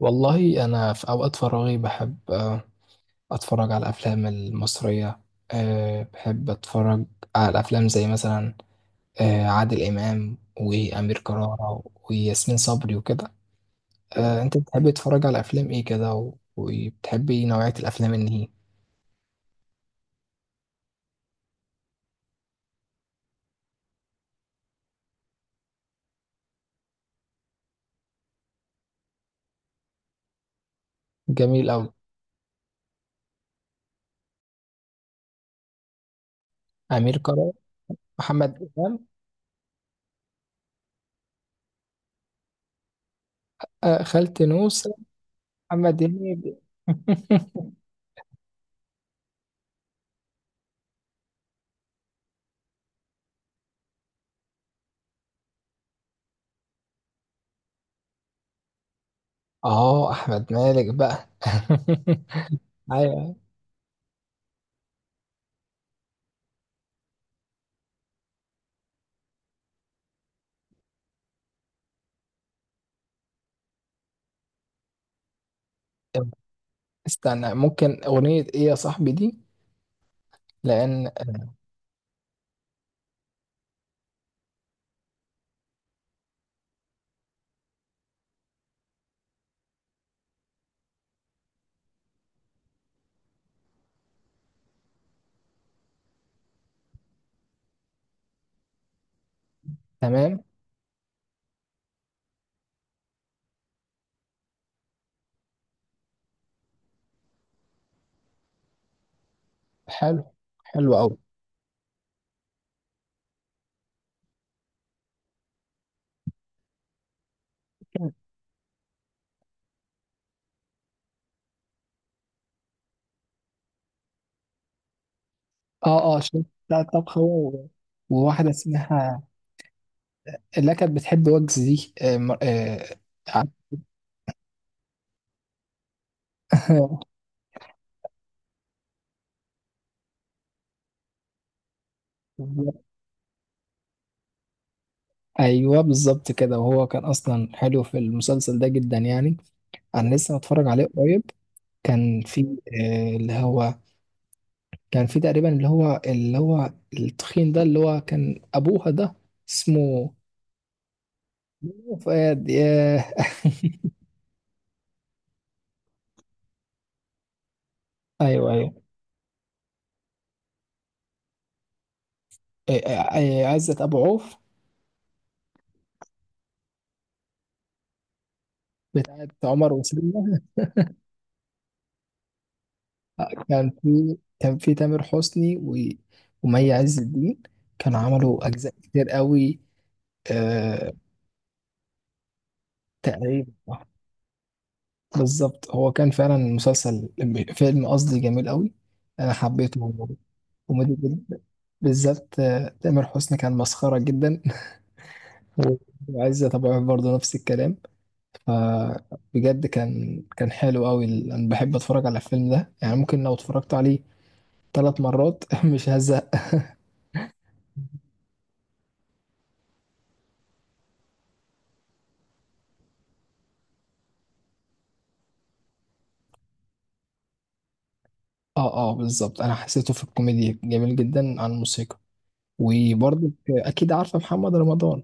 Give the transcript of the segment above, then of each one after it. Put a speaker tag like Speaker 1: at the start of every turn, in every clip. Speaker 1: والله أنا في أوقات فراغي بحب أتفرج على الأفلام المصرية. بحب أتفرج على الأفلام زي مثلا عادل إمام وأمير كرارة وياسمين صبري وكده. أنت بتحبي تتفرج على أفلام إيه كده و- وبتحبي نوعية الأفلام إن هي جميل أوي. أمير كرارة. محمد إمام. خالتي نوسة. محمد هنيدي. أحمد مالك بقى. أيوة. استنى ممكن أغنية إيه يا صاحبي دي؟ لان تمام. حلو. حلو قوي. اه اه شيف بتاع الطبخ هو وواحده اسمها اللي كانت بتحب وجز دي ايوه بالظبط كده وهو كان اصلا حلو في المسلسل ده جدا يعني. انا لسه متفرج عليه قريب. كان في اللي هو كان في تقريبا اللي هو التخين ده اللي هو كان ابوها ده اسمه فؤاد ياه. ايوه ايوه. عزت ابو عوف بتاعت عمر وسلمى. كان في تامر حسني ومي عز الدين كانوا عملوا أجزاء كتير قوي. آه... تقريبا. بالظبط هو كان فعلا مسلسل فيلم قصدي جميل قوي. أنا حبيته. كوميدي جدا. بالذات تامر حسني كان مسخرة جدا. وعزة طبعا برضه نفس الكلام. فبجد كان حلو قوي انا بحب اتفرج على الفيلم ده يعني ممكن لو اتفرجت عليه ثلاث مرات مش هزهق. اه اه بالظبط انا حسيته في الكوميديا جميل جدا عن الموسيقى. وبرضك اكيد عارفه محمد رمضان.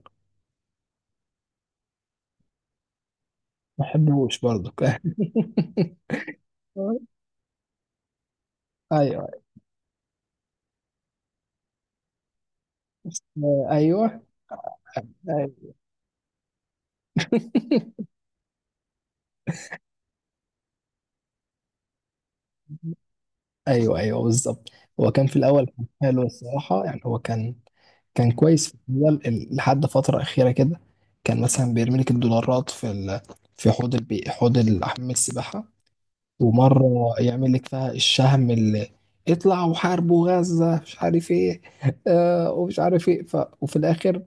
Speaker 1: ما بحبوش برضك ايوه ايوه. ايوه ايوه. ايوه ايوه بالظبط. هو كان في الاول كان حلو الصراحه يعني هو كان كويس في الاول لحد فتره اخيره كده. كان مثلا بيرمي لك الدولارات في حوض حوض حمام السباحه. ومرة يعمل لك فيها الشهم اللي اطلع وحاربوا غزة مش عارف ايه ومش عارف ايه وفي الاخر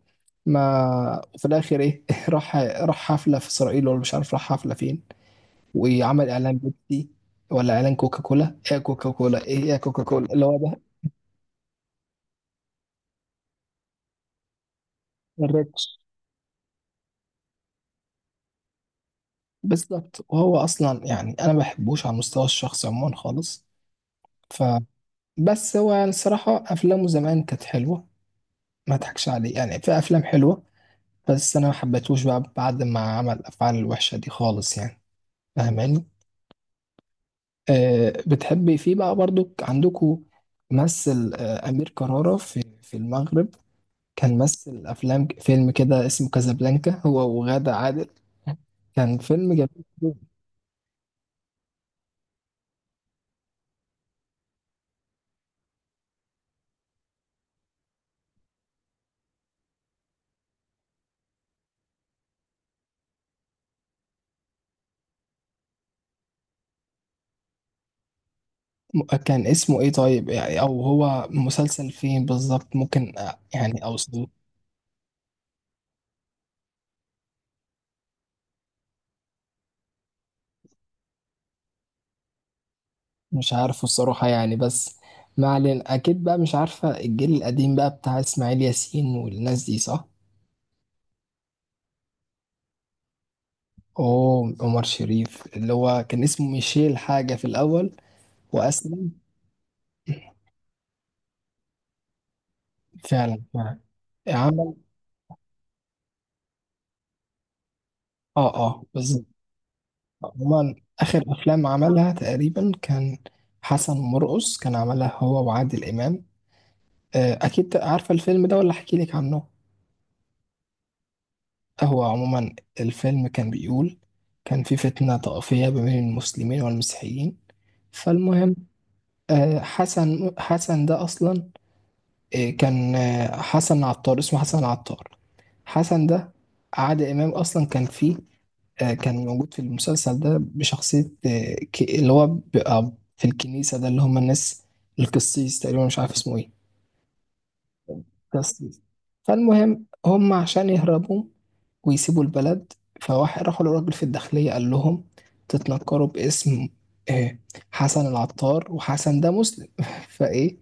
Speaker 1: ما وفي الاخر ايه راح حفلة في اسرائيل ولا مش عارف راح حفلة فين. وعمل اعلان بيبسي ولا اعلان كوكا كولا ايه كوكا كولا ايه يا كوكا كولا اللي هو ده الريتش. بالظبط وهو اصلا يعني انا ما بحبوش على المستوى الشخصي عموما خالص. ف بس هو يعني الصراحة افلامه زمان كانت حلوة. ما اضحكش عليه يعني في افلام حلوة. بس انا ما حبيتهوش بقى بعد ما عمل الافعال الوحشه دي خالص يعني. فاهماني؟ بتحبي فيه بقى برضو عندكم مثل امير كرارة في المغرب؟ كان مثل افلام فيلم كده اسمه كازابلانكا هو وغادة عادل. كان فيلم جميل جداً. كان اسمه ايه طيب يعني او هو مسلسل فين بالظبط ممكن يعني اوصله؟ مش عارفه الصراحة يعني بس. ما علينا اكيد بقى مش عارفة الجيل القديم بقى بتاع اسماعيل ياسين والناس دي صح. اوه عمر شريف اللي هو كان اسمه ميشيل حاجة في الأول وأسلم. فعلا فعلا. عمل اه اه بالظبط. عموما آخر أفلام عملها تقريبا كان حسن مرقص كان عملها هو وعادل إمام. أكيد عارفة الفيلم ده ولا أحكي لك عنه؟ هو عموما الفيلم كان بيقول كان في فتنة طائفية ما بين المسلمين والمسيحيين. فالمهم حسن ده أصلا. إيه، كان حسن عطار اسمه حسن عطار. حسن ده عادل إمام أصلا كان فيه كان موجود في المسلسل ده بشخصية اللي هو بيبقى في الكنيسة ده اللي هم الناس القسيس تقريبا مش عارف اسمه إيه بس. فالمهم هم عشان يهربوا ويسيبوا البلد فواحد راحوا للراجل في الداخلية قال لهم تتنكروا باسم آه، حسن العطار وحسن ده مسلم. فايه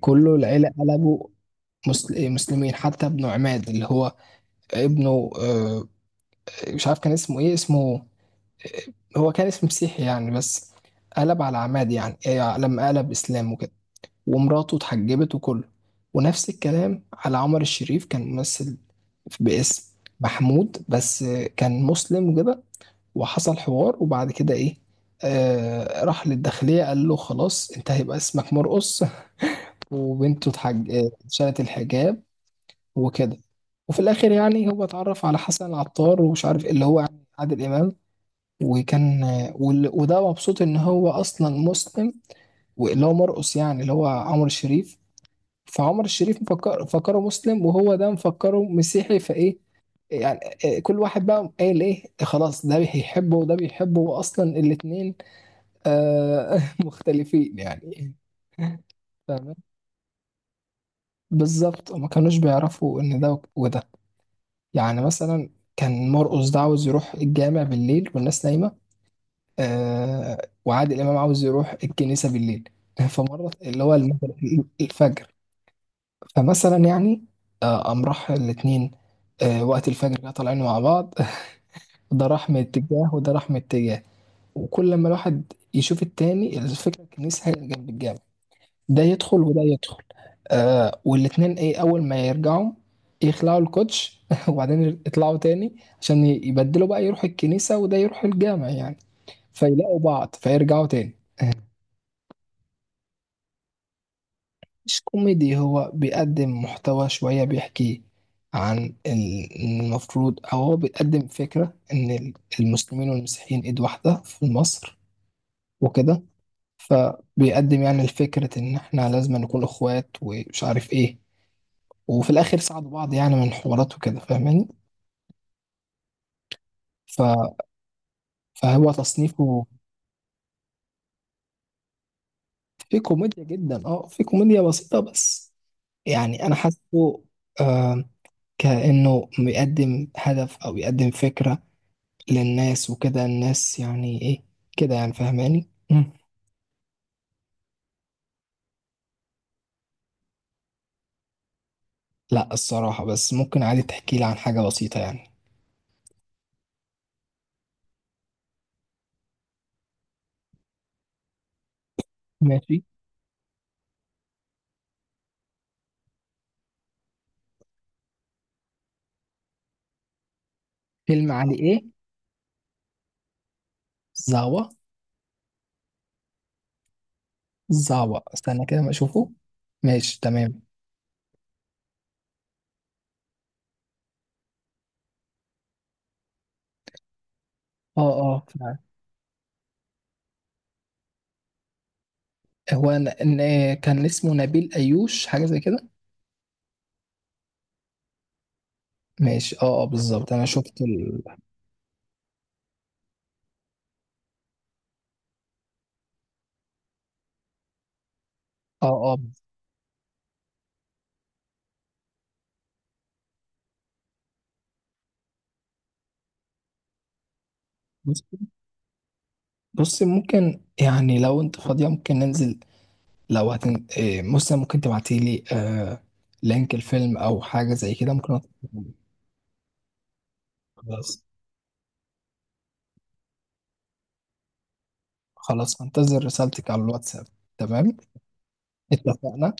Speaker 1: كله العيلة قلبوا إيه، مسلمين حتى ابن عماد اللي هو ابنه مش عارف كان اسمه ايه اسمه آه، هو كان اسمه مسيحي يعني بس قلب على عماد يعني إيه، لما قلب اسلام وكده. ومراته اتحجبت وكله. ونفس الكلام على عمر الشريف كان ممثل باسم محمود بس كان مسلم وكده. وحصل حوار وبعد كده ايه راح للداخلية قال له خلاص انت هيبقى اسمك مرقص. وبنته اتحج... آه، شالت الحجاب وكده. وفي الاخر يعني هو اتعرف على حسن العطار ومش عارف ايه اللي هو يعني عادل امام. وكان وده مبسوط ان هو اصلا مسلم واللي هو مرقص يعني اللي هو عمر الشريف. فعمر الشريف مفكر فكره مسلم وهو ده مفكره مسيحي فايه يعني. كل واحد بقى قال ايه خلاص ده بيحبه وده بيحبه واصلا الاتنين مختلفين يعني. فاهم؟ بالظبط وما كانوش بيعرفوا ان ده وده يعني مثلا. كان مرقص ده عاوز يروح الجامع بالليل والناس نايمه آه وعادل امام عاوز يروح الكنيسه بالليل فمرة اللي هو الفجر. فمثلا يعني قام راح الاتنين وقت الفجر كده طالعين مع بعض. ده راح من اتجاه وده راح من اتجاه. وكل لما الواحد يشوف التاني الفكرة الكنيسة هي اللي جنب الجامع. ده يدخل وده يدخل والاتنين ايه أول ما يرجعوا يخلعوا الكوتش وبعدين يطلعوا تاني عشان يبدلوا بقى يروح الكنيسة وده يروح الجامع يعني. فيلاقوا بعض فيرجعوا تاني. مش كوميدي هو بيقدم محتوى شوية بيحكي عن المفروض أو هو بيقدم فكرة إن المسلمين والمسيحيين إيد واحدة في مصر وكده. فبيقدم يعني فكرة إن إحنا لازم نكون إخوات ومش عارف إيه. وفي الآخر ساعدوا بعض يعني من حوارات وكده فاهماني ف... فهو تصنيفه في كوميديا جدا في كوميديا بسيطة بس يعني أنا حاسه آه كأنه بيقدم هدف أو بيقدم فكرة للناس وكده الناس يعني ايه كده يعني فاهماني. مم. لا الصراحة بس ممكن عادي تحكي لي عن حاجة بسيطة يعني. ماشي. فيلم علي ايه؟ زعوة. زعوة استنى كده ما اشوفه. ماشي تمام. اه اه فعلا. هو كان اسمه نبيل ايوش حاجة زي كده. ماشي اه اه بالظبط انا شفت اه اه بص بص ممكن يعني لو انت فاضية ممكن ننزل لو إيه، مثلا ممكن تبعتي لي لينك الفيلم او حاجة زي كده ممكن. خلاص. خلاص انتظر رسالتك على الواتساب. تمام. اتفقنا.